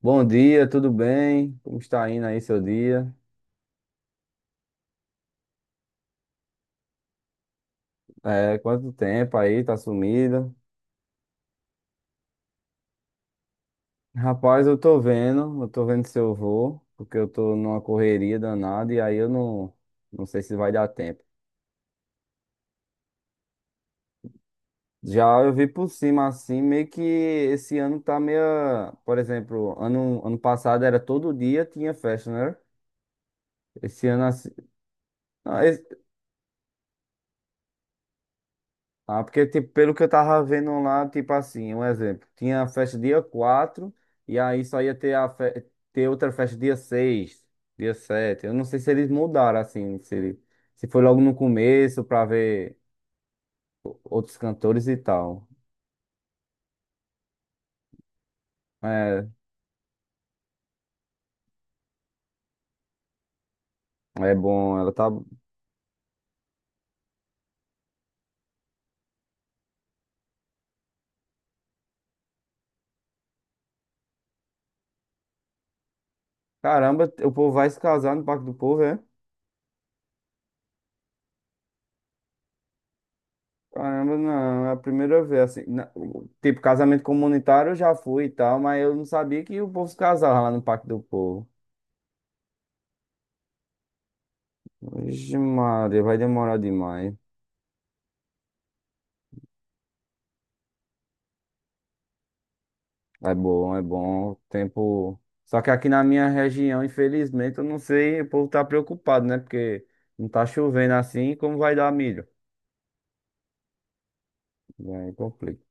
Bom dia, tudo bem? Como está indo aí seu dia? É, quanto tempo aí, tá sumida? Rapaz, eu tô vendo se eu vou, porque eu tô numa correria danada e aí eu não, não sei se vai dar tempo. Já eu vi por cima assim, meio que esse ano tá meio, por exemplo, ano passado era todo dia tinha festa, né? Esse ano assim, não. Ah, porque, tipo, pelo que eu tava vendo lá, tipo assim, um exemplo, tinha a festa dia 4 e aí só ia ter, ter outra festa dia 6, dia 7. Eu não sei se eles mudaram, assim, se, se foi logo no começo pra ver outros cantores e tal. É, é bom, ela tá. Caramba, o povo vai se casar no Parque do Povo, é? Caramba, não, é a primeira vez, assim, tipo, casamento comunitário eu já fui e tal, mas eu não sabia que o povo se casava lá no Parque do Povo. Vixe, Maria, vai demorar demais. É bom, é bom. Tempo. Só que aqui na minha região, infelizmente, eu não sei, o povo tá preocupado, né? Porque não tá chovendo assim, como vai dar milho? Aí complica.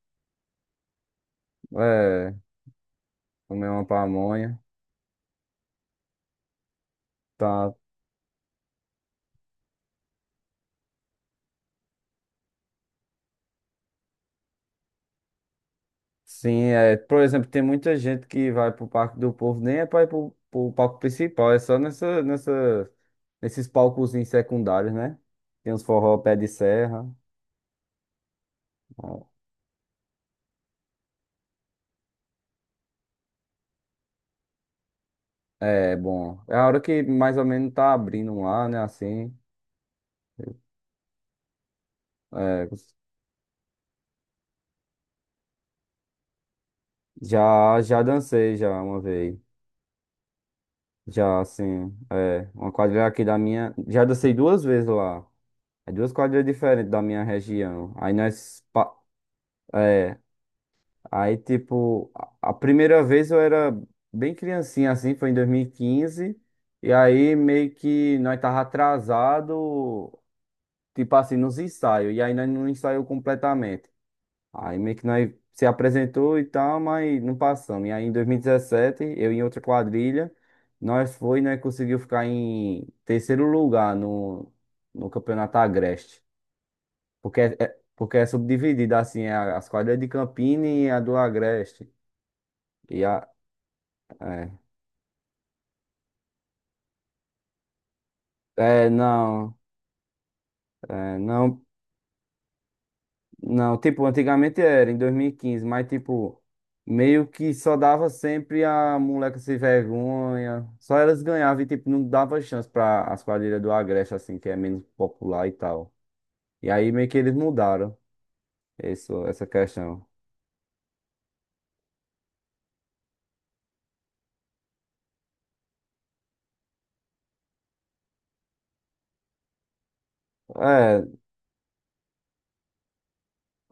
É, comer uma pamonha. Tá. Sim, é. Por exemplo, tem muita gente que vai pro Parque do Povo, nem é pra ir pro, palco principal, é só nesses palcozinhos secundários, né? Tem uns forró pé de serra. É bom. É a hora que mais ou menos tá abrindo lá, né? Assim. É, já dancei já uma vez. Já assim. É, uma quadrilha aqui da minha. Já dancei duas vezes lá. É duas quadrilhas diferentes da minha região. Aí nós. É, aí, tipo, a primeira vez eu era bem criancinha, assim, foi em 2015. E 15. E aí, meio que nós tava atrasado, tipo assim, nos ensaios. E aí, nós não ensaiou completamente. Aí meio que nós se apresentou e tal, mas não passamos. E aí em 2017, eu em outra quadrilha, nós foi e nós conseguiu ficar em terceiro lugar no Campeonato Agreste. Porque é subdividida assim, as quadrilhas de Campina e a do Agreste. E a, é, não, é, não. Não, tipo, antigamente era, em 2015, mas tipo, meio que só dava sempre a moleca sem vergonha. Só elas ganhavam e tipo, não dava chance pra as quadrilhas do Agreste, assim, que é menos popular e tal. E aí meio que eles mudaram isso, essa questão. É,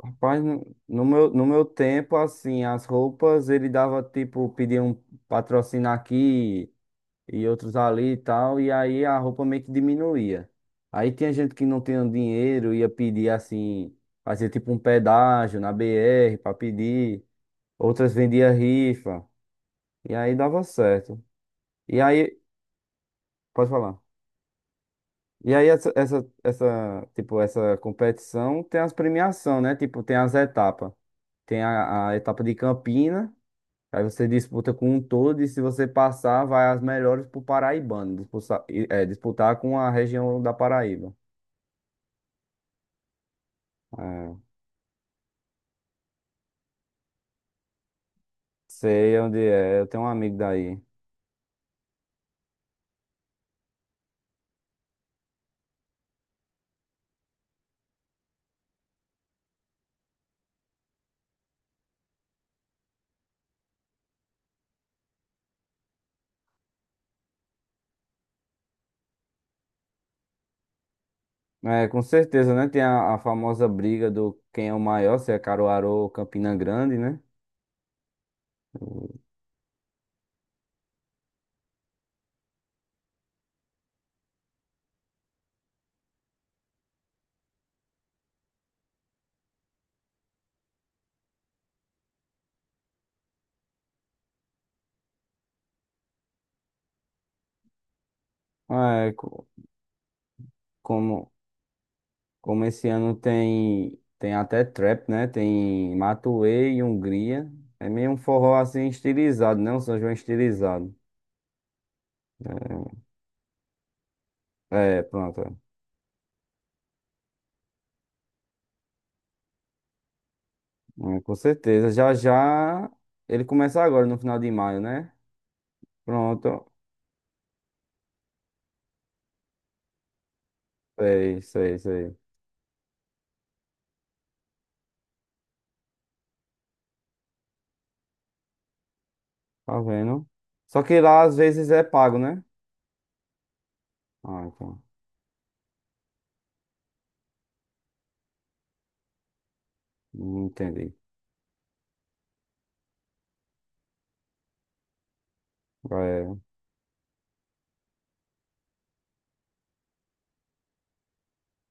rapaz, no meu, no meu tempo, assim, as roupas ele dava tipo, pedia um patrocínio aqui. E outros ali e tal, e aí a roupa meio que diminuía. Aí tinha gente que não tinha dinheiro, ia pedir assim, fazia tipo um pedágio na BR pra pedir, outras vendia rifa, e aí dava certo. E aí, pode falar. E aí tipo, essa competição tem as premiação, né? Tipo, tem as etapas. Tem a etapa de Campina. Aí você disputa com um todo e se você passar, vai as melhores pro Paraibano, disputar, é, disputar com a região da Paraíba. É, sei onde é, eu tenho um amigo daí. É, com certeza, né? Tem a famosa briga do quem é o maior, se é Caruaru ou Campina Grande, né? É, como, como esse ano tem até trap, né? Tem Matuê e Hungria. É meio um forró assim estilizado, né? Um São João estilizado. Pronto. Com certeza. Já já ele começa agora, no final de maio, né? Pronto. É isso aí, isso aí. Tá vendo? Só que lá às vezes é pago, né? Ah, então. Não entendi.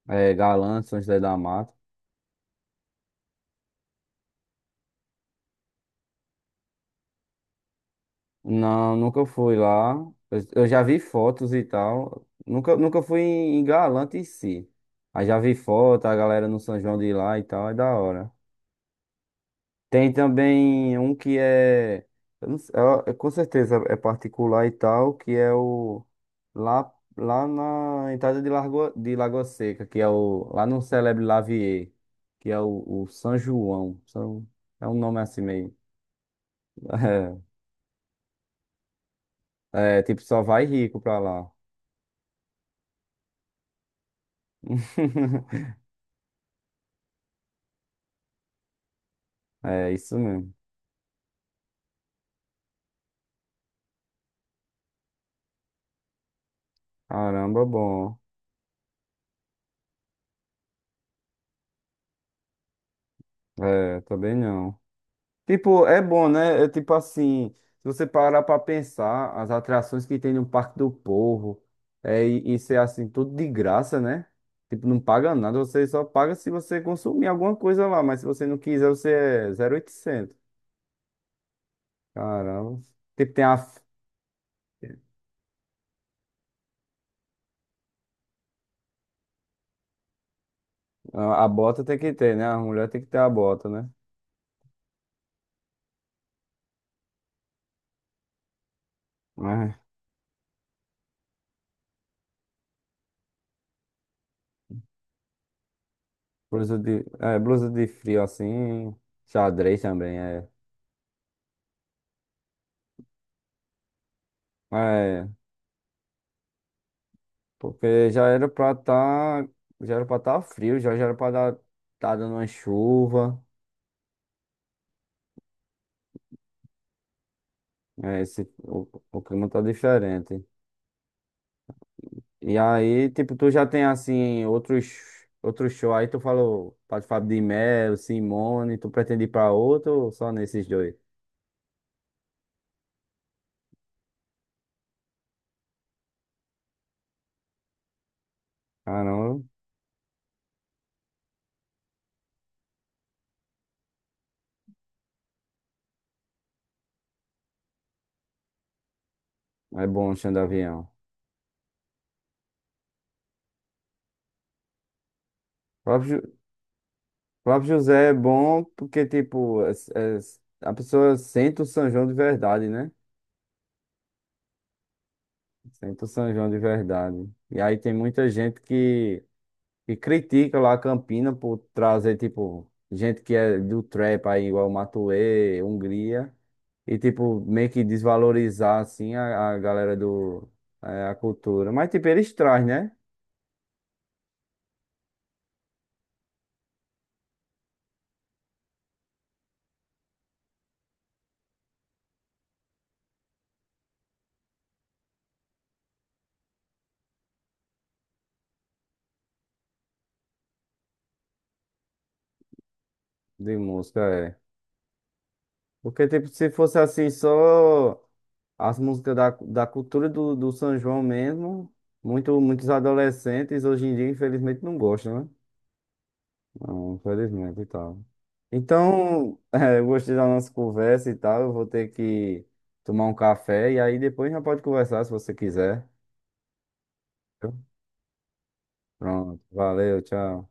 É, é Galã, São José da Mata. Não, nunca fui lá. Eu já vi fotos e tal. Nunca fui em Galante em si. Aí já vi foto, a galera no São João de lá e tal, é da hora. Tem também um que é, eu não sei, com certeza é particular e tal, que é o lá na entrada de, Largo, de Lagoa Seca, que é o lá no Celebre Lavier, que é o São João. É um nome assim meio. Tipo, só vai rico pra lá. É isso mesmo. Caramba, bom. É, também não. Tipo, é bom, né? É tipo assim, se você parar pra pensar, as atrações que tem no Parque do Povo, é, e isso é assim, tudo de graça, né? Tipo, não paga nada, você só paga se você consumir alguma coisa lá, mas se você não quiser, você é 0800. Caramba. Tipo, tem a bota tem que ter, né? A mulher tem que ter a bota, né? É, é, blusa de frio assim, xadrez também, é. É, porque já era pra tá frio, já era pra dar, tá dando uma chuva. É, esse, o clima tá diferente. E aí, tipo, tu já tem assim, outros shows. Aí tu falou, Padre Fábio de Melo, Simone, tu pretende ir pra outro ou só nesses dois? Caramba, é bom o chão de avião. Próprio, Ju- o próprio José é bom porque, tipo, a pessoa sente o São João de verdade, né? Sente o São João de verdade. E aí tem muita gente que critica lá a Campina por trazer, tipo, gente que é do trap aí, igual Matuê, Hungria, e, tipo, meio que desvalorizar, assim, a galera do. É, a cultura. Mas, tipo, eles trazem, né? De música, é. Porque, tipo, se fosse assim, só as músicas da cultura do São João mesmo, muitos adolescentes hoje em dia, infelizmente, não gostam, né? Não, infelizmente e tal. Então, eu gostei da nossa conversa e tal. Eu vou ter que tomar um café e aí depois já pode conversar se você quiser. Viu? Pronto, valeu, tchau.